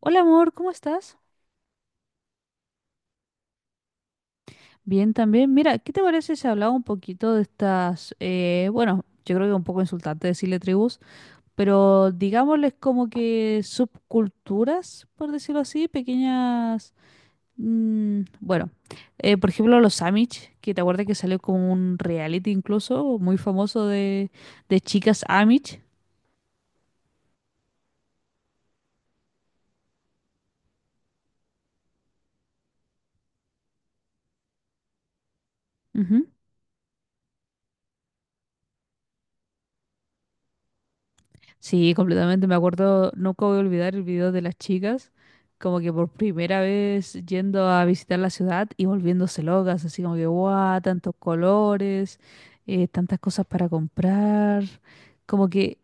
Hola amor, ¿cómo estás? Bien también. Mira, ¿qué te parece si hablaba un poquito de estas, bueno, yo creo que es un poco insultante decirle tribus, pero digámosles como que subculturas, por decirlo así, pequeñas, bueno, por ejemplo los Amish, que te acuerdas que salió como un reality incluso muy famoso de chicas Amish. Ujú. Sí, completamente. Me acuerdo, nunca voy a olvidar el video de las chicas, como que por primera vez yendo a visitar la ciudad y volviéndose locas, así como que, guau, tantos colores, tantas cosas para comprar. Como que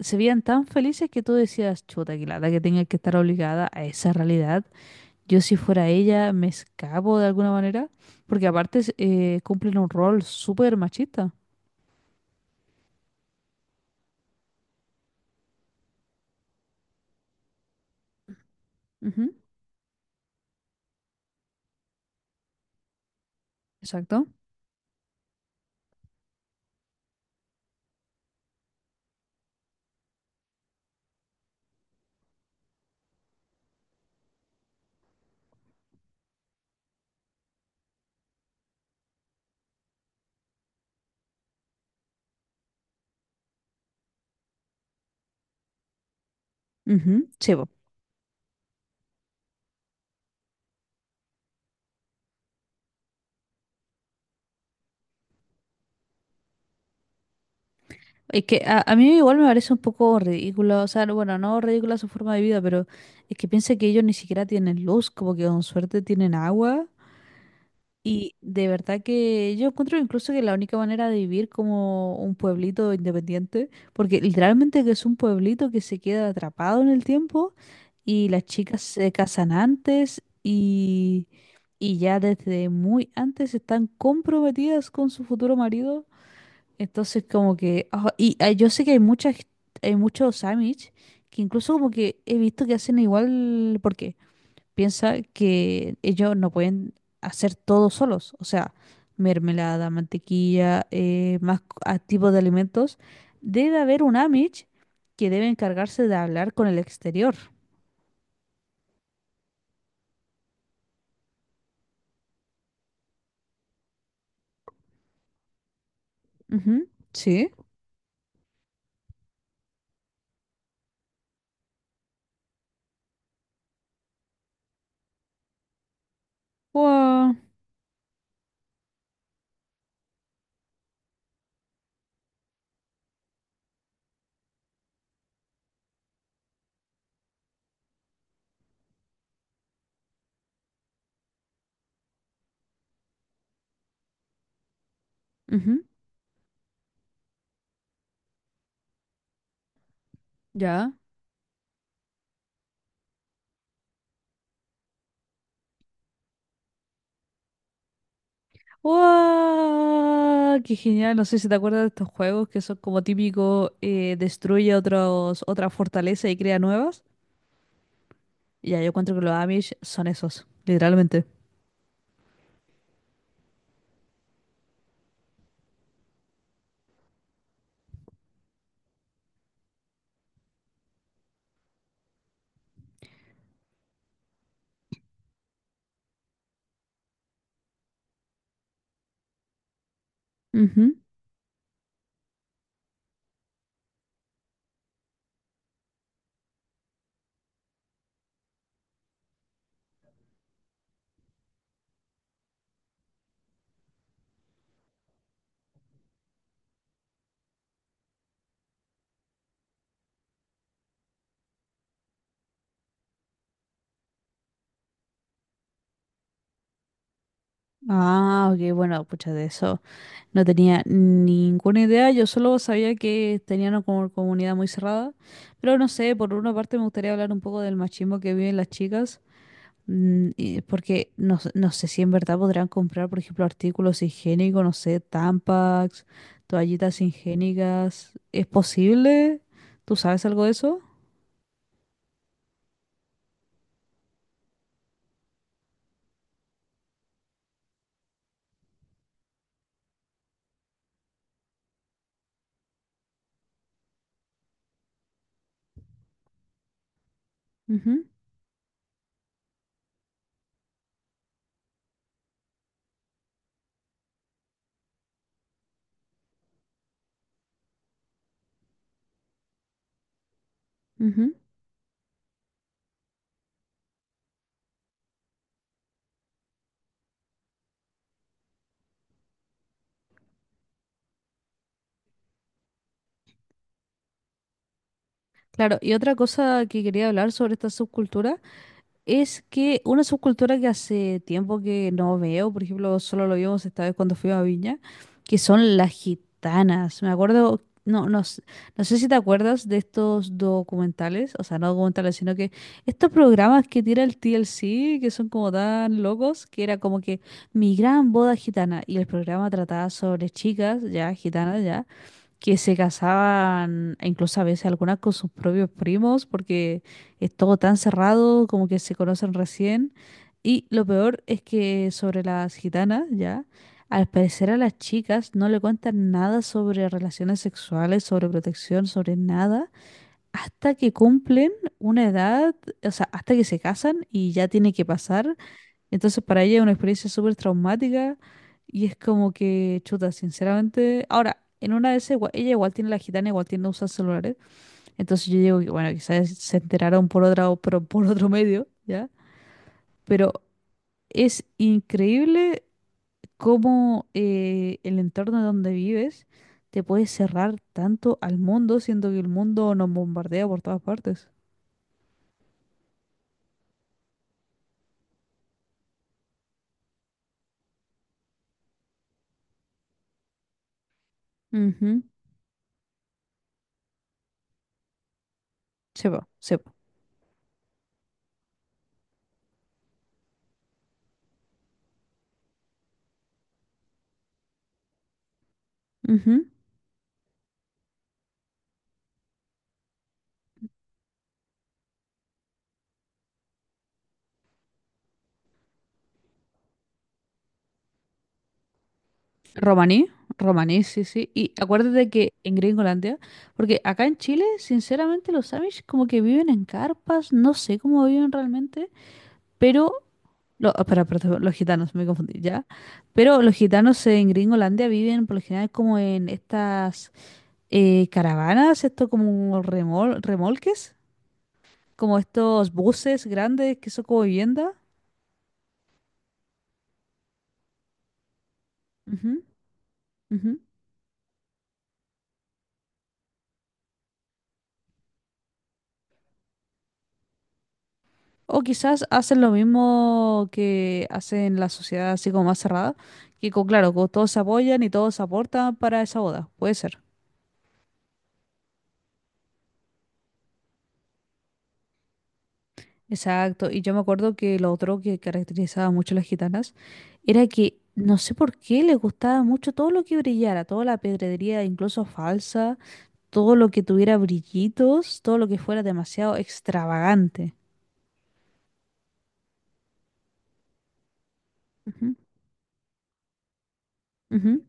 se veían tan felices que tú decías, chuta, que lata que tenga que estar obligada a esa realidad. Yo, si fuera ella, me escapo de alguna manera, porque aparte cumplen un rol súper machista. Ujú, exacto. Ujú, sí, po. Es que a mí igual me parece un poco ridículo, o sea, bueno, no ridícula su forma de vida, pero es que piensa que ellos ni siquiera tienen luz, como que con suerte tienen agua. Y de verdad que yo encuentro incluso que la única manera de vivir como un pueblito independiente, porque literalmente que es un pueblito que se queda atrapado en el tiempo y las chicas se casan y ya desde muy antes están comprometidas con su futuro marido. Entonces, como que. Yo sé que hay muchas, hay muchos Amish que incluso como que he visto que hacen igual porque piensa que ellos no pueden hacer todo solos. O sea, mermelada, mantequilla, tipos de alimentos. Debe haber un Amish que debe encargarse de hablar con el exterior. Ujú, sí. Wow. Ujú, ya. Wow, ¡qué genial! No sé si te acuerdas de estos juegos que son como típico, destruye otra fortaleza y crea nuevas. Ya, yo encuentro que los Amish son esos, literalmente. Ujú. Ah, ok, bueno, pucha, de eso no tenía ninguna idea. Yo solo sabía que tenían una comunidad muy cerrada. Pero no sé, por una parte me gustaría hablar un poco del machismo que viven las chicas. Porque no sé si en verdad podrán comprar, por ejemplo, artículos higiénicos, no sé, Tampax, toallitas higiénicas. ¿Es posible? ¿Tú sabes algo de eso? Ujú, ujú. Claro, y otra cosa que quería hablar sobre esta subcultura es que una subcultura que hace tiempo que no veo, por ejemplo, solo lo vimos esta vez cuando fui a Viña, que son las gitanas. Me acuerdo, no sé si te acuerdas de estos documentales, o sea, no documentales, sino que estos programas que tira el TLC, que son como tan locos, que era como que mi gran boda gitana, y el programa trataba sobre chicas, ya, gitanas, ya que se casaban e incluso a veces algunas con sus propios primos porque es todo tan cerrado como que se conocen recién. Y lo peor es que sobre las gitanas, ya, al parecer a las chicas no le cuentan nada sobre relaciones sexuales, sobre protección, sobre nada, hasta que cumplen una edad, o sea, hasta que se casan y ya tiene que pasar, entonces para ella es una experiencia súper traumática y es como que, chuta, sinceramente, ahora, en una de esas, ella igual tiene la gitana, igual tiene usa celulares, entonces yo digo que, bueno, quizás se enteraron por otra, por otro medio, ¿ya? Pero es increíble cómo el entorno donde vives te puede cerrar tanto al mundo, siendo que el mundo nos bombardea por todas partes. Ujú, se va. Romaní, romaní, sí, sí. Y acuérdate que en Gringolandia, porque acá en Chile, sinceramente, los Amish como que viven en carpas, no sé cómo viven realmente, pero... espera, espera, espera, los gitanos, me confundí ya. Pero los gitanos en Gringolandia viven por lo general como en estas caravanas, esto como remolques, como estos buses grandes que son como vivienda. Ujú, ujú. O quizás hacen lo mismo que hacen la sociedad así como más cerrada, claro, todos se apoyan y todos aportan para esa boda, puede ser. Exacto, y yo me acuerdo que lo otro que caracterizaba mucho a las gitanas era que no sé por qué les gustaba mucho todo lo que brillara, toda la pedrería incluso falsa, todo lo que tuviera brillitos, todo lo que fuera demasiado extravagante. Ujú, ujú.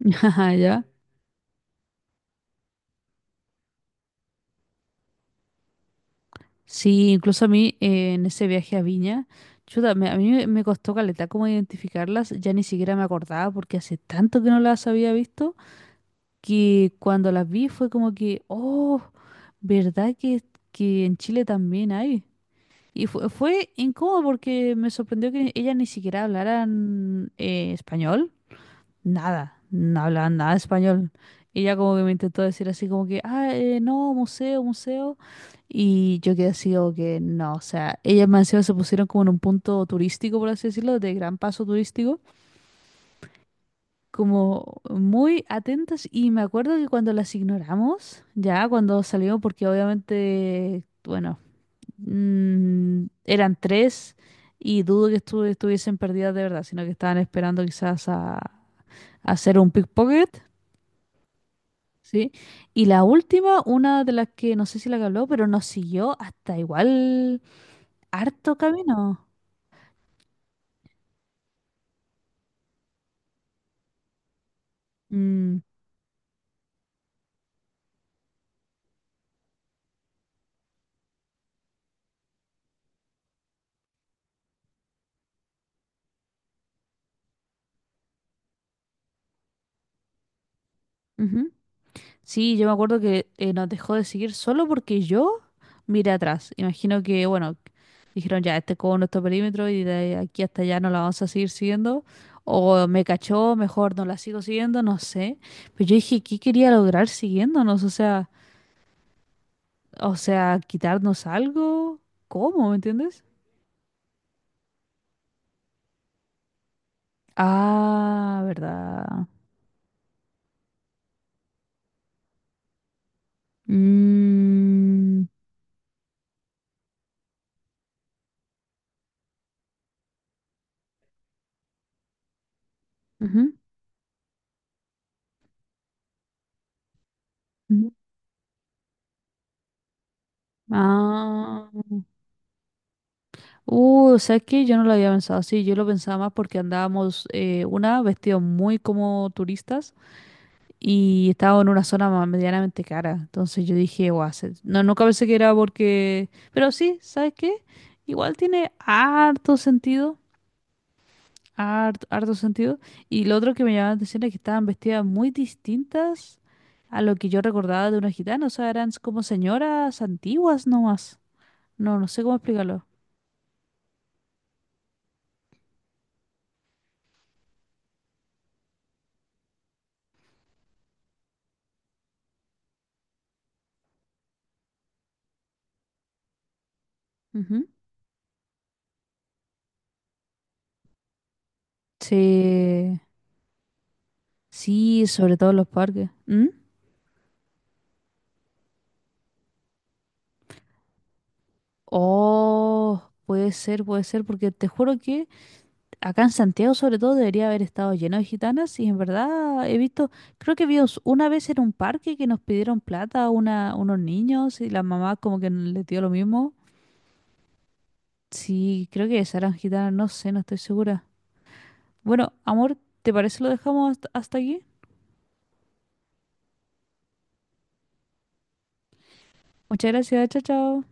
Ajá, ya. Sí, incluso a mí en ese viaje a Viña, chuta, a mí me costó caleta cómo identificarlas, ya ni siquiera me acordaba porque hace tanto que no las había visto que cuando las vi fue como que, oh, ¿verdad que en Chile también hay? Fue incómodo porque me sorprendió que ellas ni siquiera hablaran español, nada, no hablaban nada de español. Y ella como que me intentó decir así como que, no, museo, museo. Y yo quedé así como que no, o sea, ellas más encima se pusieron como en un punto turístico, por así decirlo, de gran paso turístico, como muy atentas. Y me acuerdo que cuando las ignoramos, ya cuando salimos, porque obviamente, bueno, eran tres y dudo que estuviesen perdidas de verdad, sino que estaban esperando quizás a hacer un pickpocket. Sí. Y la última, una de las que no sé si la que habló, pero nos siguió hasta igual harto camino. Mm, ujú. Sí, yo me acuerdo que nos dejó de seguir solo porque yo miré atrás. Imagino que, bueno, dijeron ya, este es como nuestro perímetro y de aquí hasta allá no la vamos a seguir siguiendo. O me cachó, mejor no la sigo siguiendo, no sé. Pero yo dije, ¿qué quería lograr siguiéndonos? O sea, quitarnos algo. ¿Cómo? ¿Me entiendes? Ah, ¿verdad? Mm, ujú, ujú. Ah. O sea que yo no lo había pensado así, yo lo pensaba más porque andábamos, vestidos muy como turistas y estábamos en una zona más medianamente cara. Entonces yo dije, guau, no, nunca pensé que era porque... Pero sí, ¿sabes qué? Igual tiene harto sentido. Harto sentido. Y lo otro que me llamaba la atención es que estaban vestidas muy distintas a lo que yo recordaba de una gitana. O sea, eran como señoras antiguas nomás. No, no sé cómo explicarlo. Ujú. Sí, sí, sobre todo en los parques. ¿Mm? Oh, puede ser, porque te juro que acá en Santiago sobre todo debería haber estado lleno de gitanas y en verdad he visto, creo que vimos una vez en un parque que nos pidieron plata unos niños y la mamá como que le dio lo mismo. Sí, creo que Sarah Gitana, no sé, no estoy segura. Bueno, amor, ¿te parece lo dejamos hasta aquí? Muchas gracias, chao, chao.